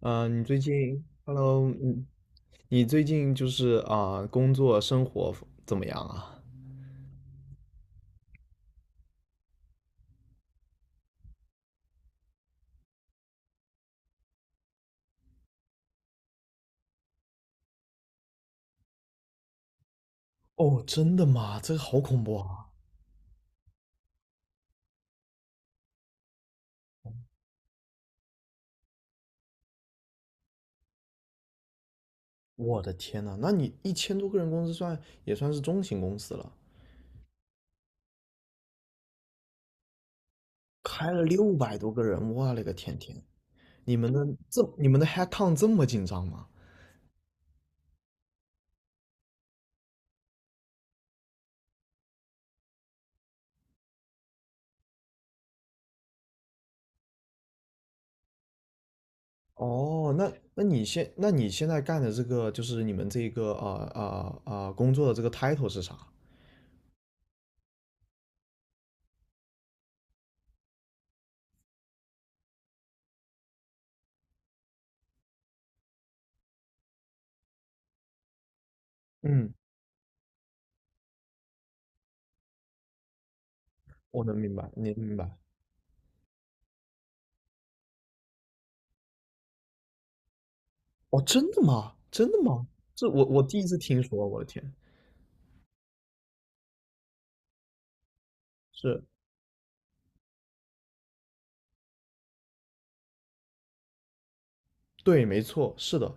你最近，Hello，你最近工作生活怎么样啊？哦，真的吗？这个好恐怖啊！我的天呐，那你一千多个人公司算也算是中型公司了，开了六百多个人，我勒个天天！你们的这你们的 headcount 这么紧张吗？哦，那你现在干的这个就是你们这个工作的这个 title 是啥？嗯，我能明白，你明白。哦，真的吗？真的吗？这我第一次听说，我的天。是。对，没错，是的。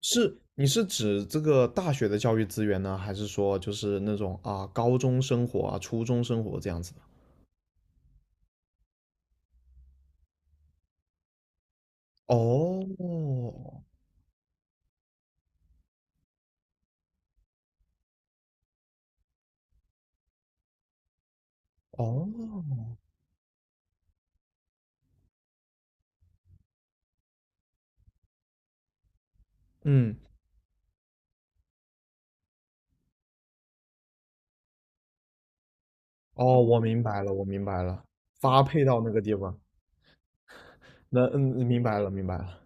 是，你是指这个大学的教育资源呢，还是说就是那种啊高中生活啊初中生活这样子的？哦。哦。嗯。哦，我明白了，我明白了。发配到那个地方，那嗯，明白了，明白了。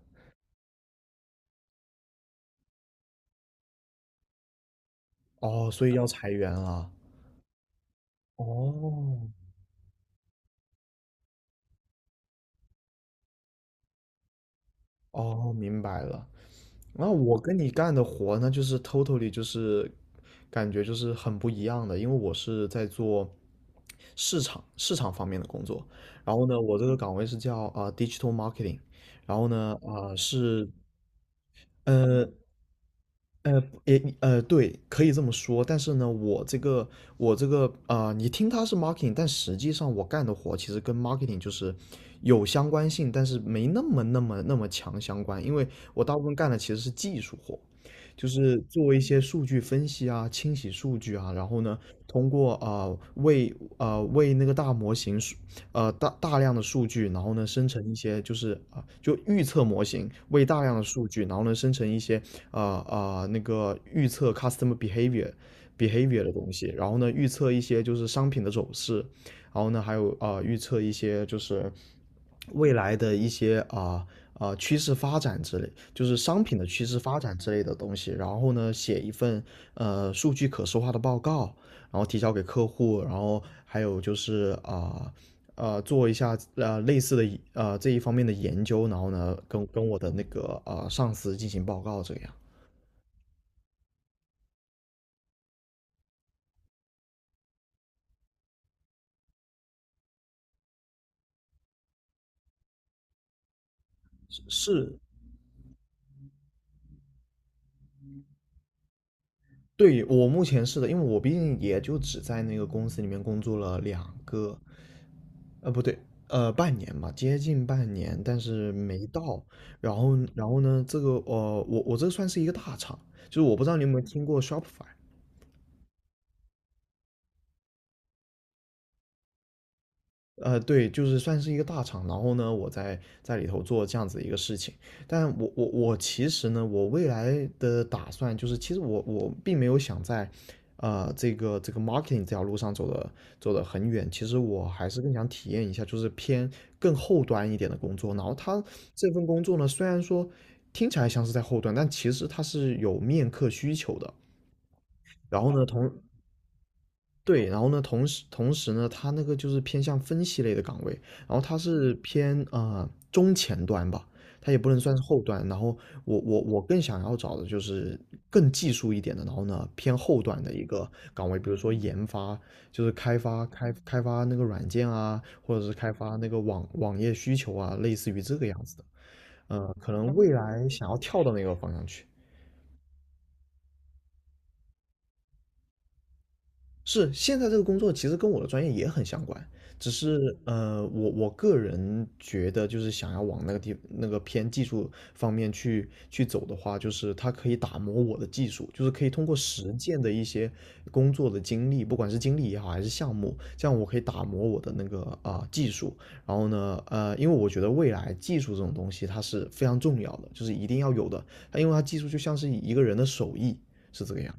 哦，所以要裁员了。哦。哦，明白了。那我跟你干的活呢，就是 totally 就是感觉就是很不一样的，因为我是在做市场方面的工作。然后呢，我这个岗位是叫digital marketing，然后呢是呃对，可以这么说。但是呢，我这个你听它是 marketing，但实际上我干的活其实跟 marketing 就是有相关性，但是没那么强相关。因为我大部分干的其实是技术活，就是做一些数据分析啊、清洗数据啊。然后呢，通过啊、呃为啊、呃为那个大模型数呃大量的数据，然后呢生成一些就是就预测模型，为大量的数据，然后呢生成一些啊那个预测 customer behavior 的东西。然后呢预测一些就是商品的走势，然后呢还有预测一些就是未来的一些趋势发展之类，就是商品的趋势发展之类的东西。然后呢写一份数据可视化的报告，然后提交给客户。然后还有就是做一下类似的这一方面的研究。然后呢，跟我的那个上司进行报告，这样。是。对，我目前是的，因为我毕竟也就只在那个公司里面工作了两个，呃，不对，呃，半年吧，接近半年，但是没到。然后呢，这个我这算是一个大厂，就是我不知道你有没有听过 Shopify。呃，对，就是算是一个大厂。然后呢，我在里头做这样子一个事情，但我其实呢，我未来的打算就是，其实我并没有想在，这个这个 marketing 这条路上走的很远。其实我还是更想体验一下，就是偏更后端一点的工作。然后他这份工作呢，虽然说听起来像是在后端，但其实它是有面客需求的。然后呢，对，然后呢，同时呢，它那个就是偏向分析类的岗位。然后它是偏中前端吧，它也不能算是后端。然后我更想要找的就是更技术一点的，然后呢偏后端的一个岗位，比如说研发，就是开发那个软件啊，或者是开发那个网页需求啊，类似于这个样子的。呃，可能未来想要跳到那个方向去。是，现在这个工作其实跟我的专业也很相关。只是我个人觉得就是想要往那个地那个偏技术方面去走的话，就是它可以打磨我的技术，就是可以通过实践的一些工作的经历，不管是经历也好还是项目，这样我可以打磨我的那个技术。然后呢，因为我觉得未来技术这种东西它是非常重要的，就是一定要有的，它因为它技术就像是一个人的手艺，是这个样。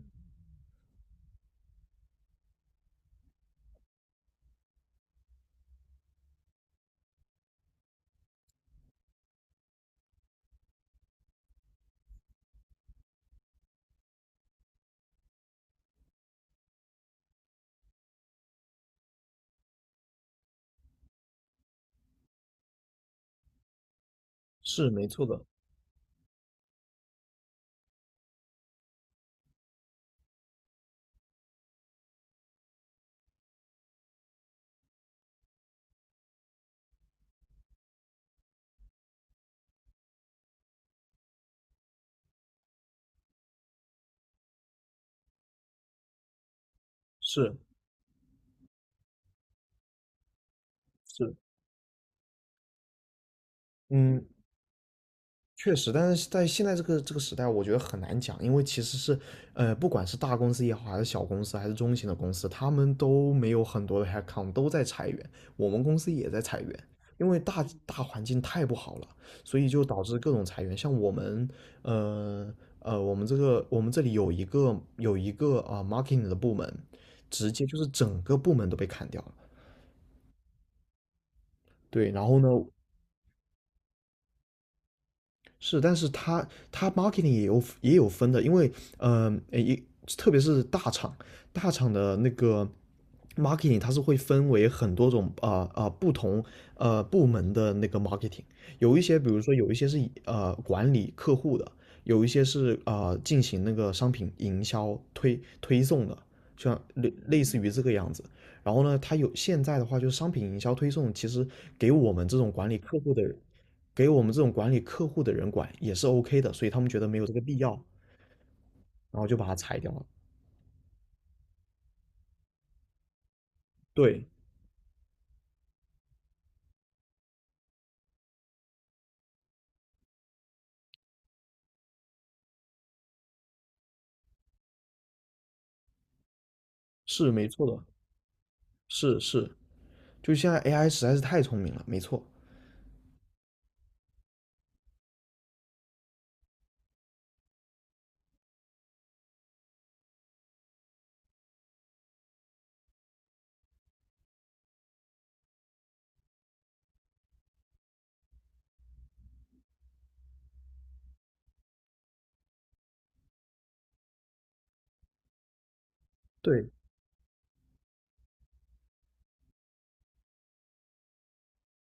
是，没错的，是是。嗯，确实，但是在现在这个时代，我觉得很难讲，因为其实是，不管是大公司也好，还是小公司，还是中型的公司，他们都没有很多的 headcount，都在裁员。我们公司也在裁员，因为大环境太不好了，所以就导致各种裁员。像我们，呃我们这里有一个有一个 marketing 的部门，直接就是整个部门都被砍掉了。对，然后呢，是，但是它它 marketing 也有分的。因为嗯，呃一、呃特别是大厂，大厂的那个 marketing 它是会分为很多种不同部门的那个 marketing,有一些比如说有一些是以管理客户的，有一些是进行那个商品营销推送的，像类似于这个样子。然后呢，它有现在的话就是商品营销推送，其实给我们这种管理客户的人给我们这种管理客户的人管也是 OK 的，所以他们觉得没有这个必要，然后就把它裁掉了。对，是没错的，是是，就现在 AI 实在是太聪明了，没错。对，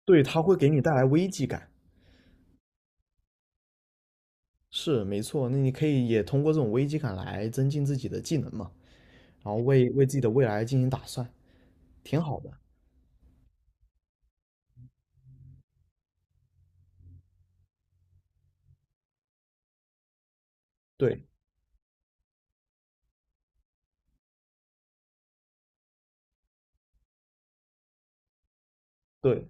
对，它会给你带来危机感，是没错。那你可以也通过这种危机感来增进自己的技能嘛，然后为自己的未来进行打算，挺好的。对，对。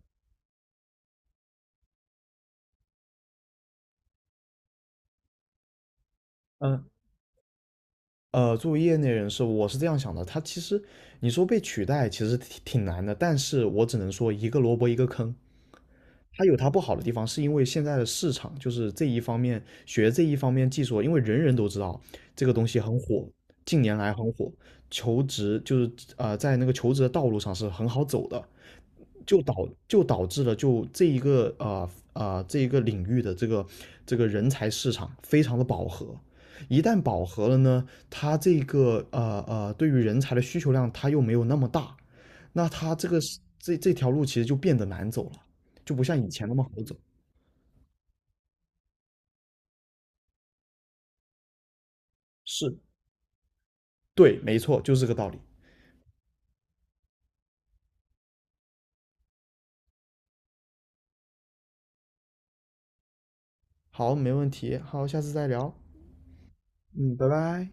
嗯、作为业内人士，我是这样想的。他其实你说被取代，其实挺难的。但是我只能说一个萝卜一个坑。它有它不好的地方，是因为现在的市场就是这一方面学这一方面技术，因为人人都知道这个东西很火，近年来很火，求职就是在那个求职的道路上是很好走的，就导就导致了就这一个这一个领域的这个人才市场非常的饱和。一旦饱和了呢，它这个对于人才的需求量它又没有那么大，那它这个这条路其实就变得难走了，就不像以前那么好走。是，对，没错，就是这个道理。好，没问题，好，下次再聊。嗯，拜拜。